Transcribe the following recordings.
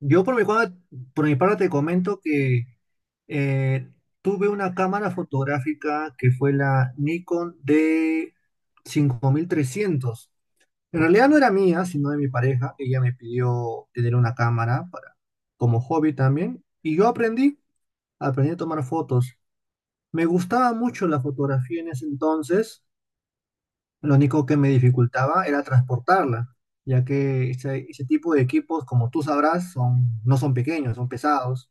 Yo por mi, cua- Por mi parte te comento que eh, tuve una cámara fotográfica que fue la Nikon D5300. En realidad no era mía, sino de mi pareja. Ella me pidió tener una cámara para, como hobby también. Y yo aprendí a tomar fotos. Me gustaba mucho la fotografía en ese entonces. Lo único que me dificultaba era transportarla, ya que ese tipo de equipos, como tú sabrás, son, no son pequeños, son pesados,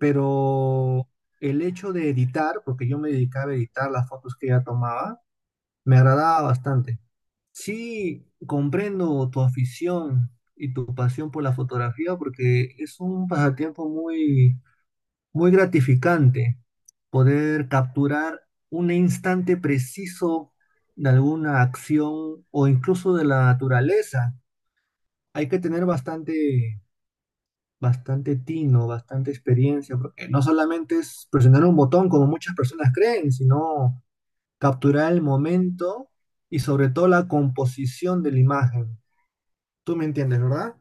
pero el hecho de editar, porque yo me dedicaba a editar las fotos que ella tomaba, me agradaba bastante. Sí, comprendo tu afición y tu pasión por la fotografía, porque es un pasatiempo muy, muy gratificante, poder capturar un instante preciso de alguna acción o incluso de la naturaleza. Hay que tener bastante tino, bastante experiencia, porque no solamente es presionar un botón como muchas personas creen, sino capturar el momento y sobre todo la composición de la imagen. Tú me entiendes, ¿verdad?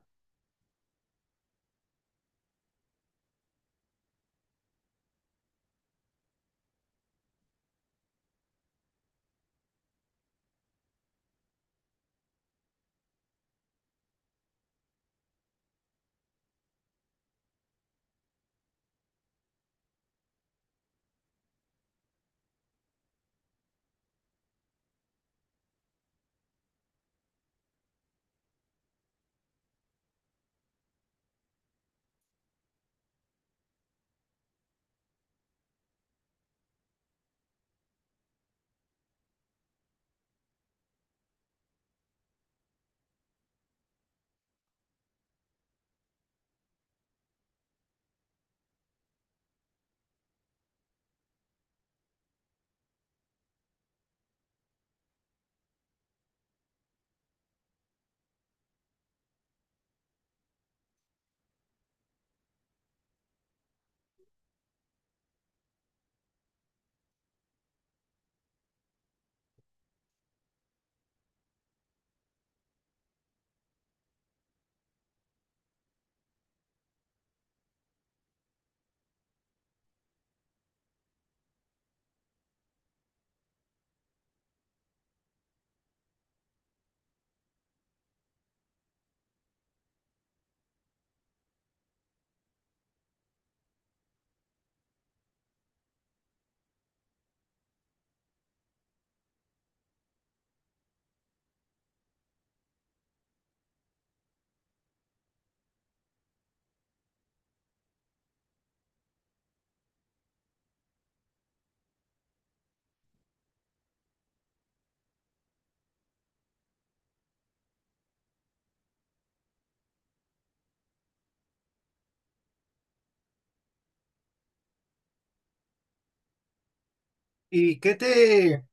¿Y qué te,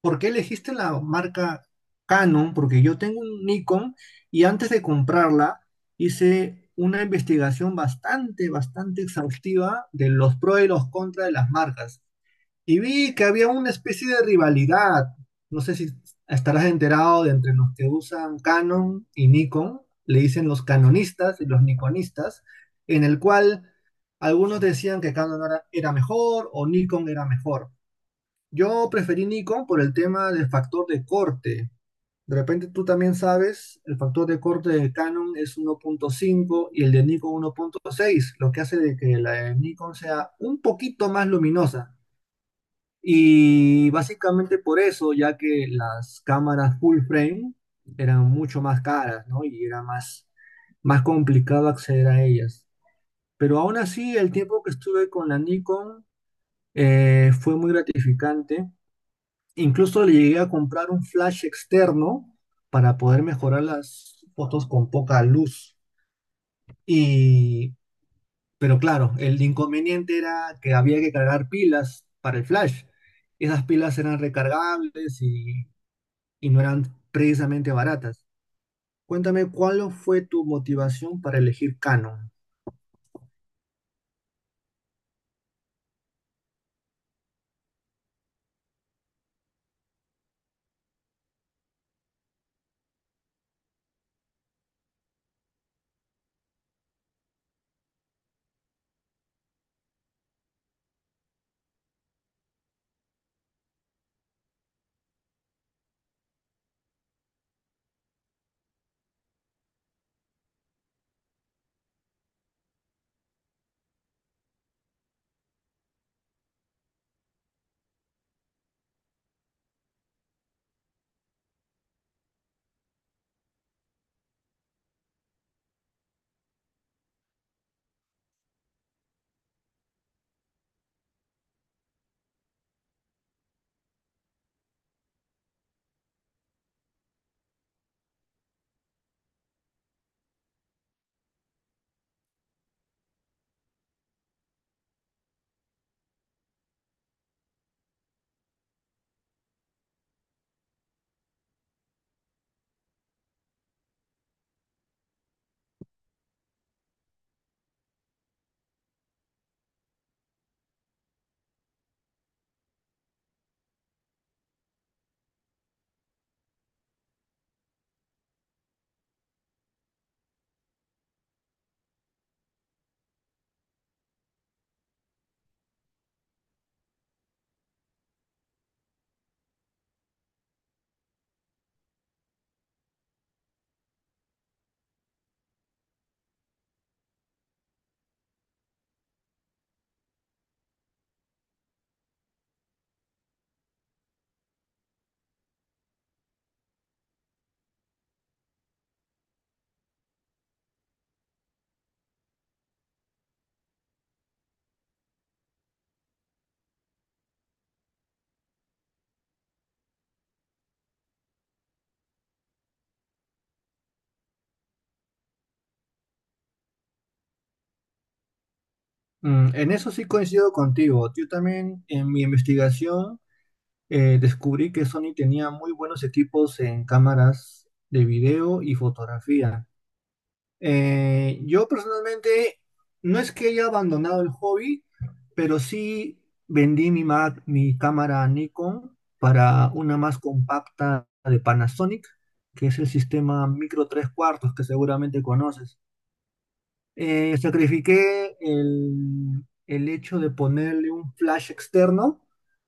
¿Por qué elegiste la marca Canon? Porque yo tengo un Nikon y antes de comprarla hice una investigación bastante, bastante exhaustiva de los pros y los contras de las marcas. Y vi que había una especie de rivalidad. No sé si estarás enterado, de entre los que usan Canon y Nikon, le dicen los canonistas y los nikonistas, en el cual algunos decían que Canon era mejor o Nikon era mejor. Yo preferí Nikon por el tema del factor de corte. De repente tú también sabes, el factor de corte de Canon es 1.5 y el de Nikon 1.6, lo que hace de que la de Nikon sea un poquito más luminosa. Y básicamente por eso, ya que las cámaras full frame eran mucho más caras, ¿no? Y era más, más complicado acceder a ellas. Pero aún así, el tiempo que estuve con la Nikon fue muy gratificante. Incluso le llegué a comprar un flash externo para poder mejorar las fotos con poca luz. Y, pero claro, el inconveniente era que había que cargar pilas para el flash. Esas pilas eran recargables y no eran precisamente baratas. Cuéntame, ¿cuál fue tu motivación para elegir Canon? Mm, en eso sí coincido contigo. Yo también en mi investigación descubrí que Sony tenía muy buenos equipos en cámaras de video y fotografía. Yo personalmente no es que haya abandonado el hobby, pero sí vendí mi Mac, mi cámara Nikon, para una más compacta de Panasonic, que es el sistema micro tres cuartos que seguramente conoces. Sacrifiqué el hecho de ponerle un flash externo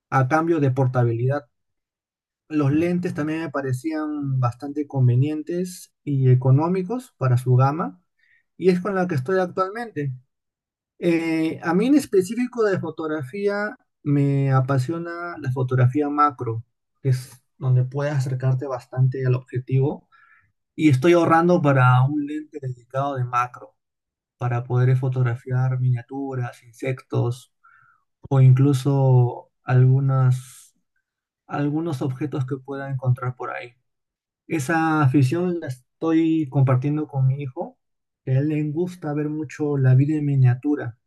a cambio de portabilidad. Los lentes también me parecían bastante convenientes y económicos para su gama, y es con la que estoy actualmente. A mí en específico, de fotografía me apasiona la fotografía macro, que es donde puedes acercarte bastante al objetivo, y estoy ahorrando para un lente dedicado de macro, para poder fotografiar miniaturas, insectos o incluso algunas, algunos objetos que pueda encontrar por ahí. Esa afición la estoy compartiendo con mi hijo, que a él le gusta ver mucho la vida en miniatura.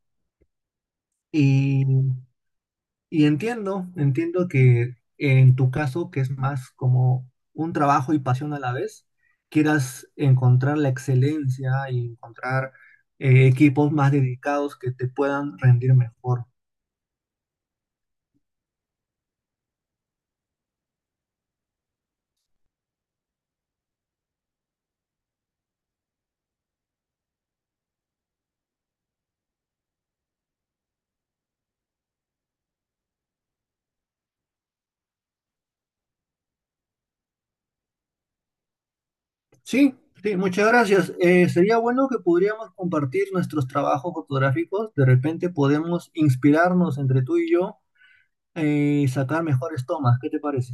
Y, entiendo que en tu caso, que es más como un trabajo y pasión a la vez, quieras encontrar la excelencia y encontrar equipos más dedicados que te puedan rendir mejor. Sí, sí, muchas gracias. Sería bueno que podríamos compartir nuestros trabajos fotográficos. De repente podemos inspirarnos entre tú y yo, y sacar mejores tomas. ¿Qué te parece?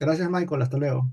Gracias, Michael. Hasta luego.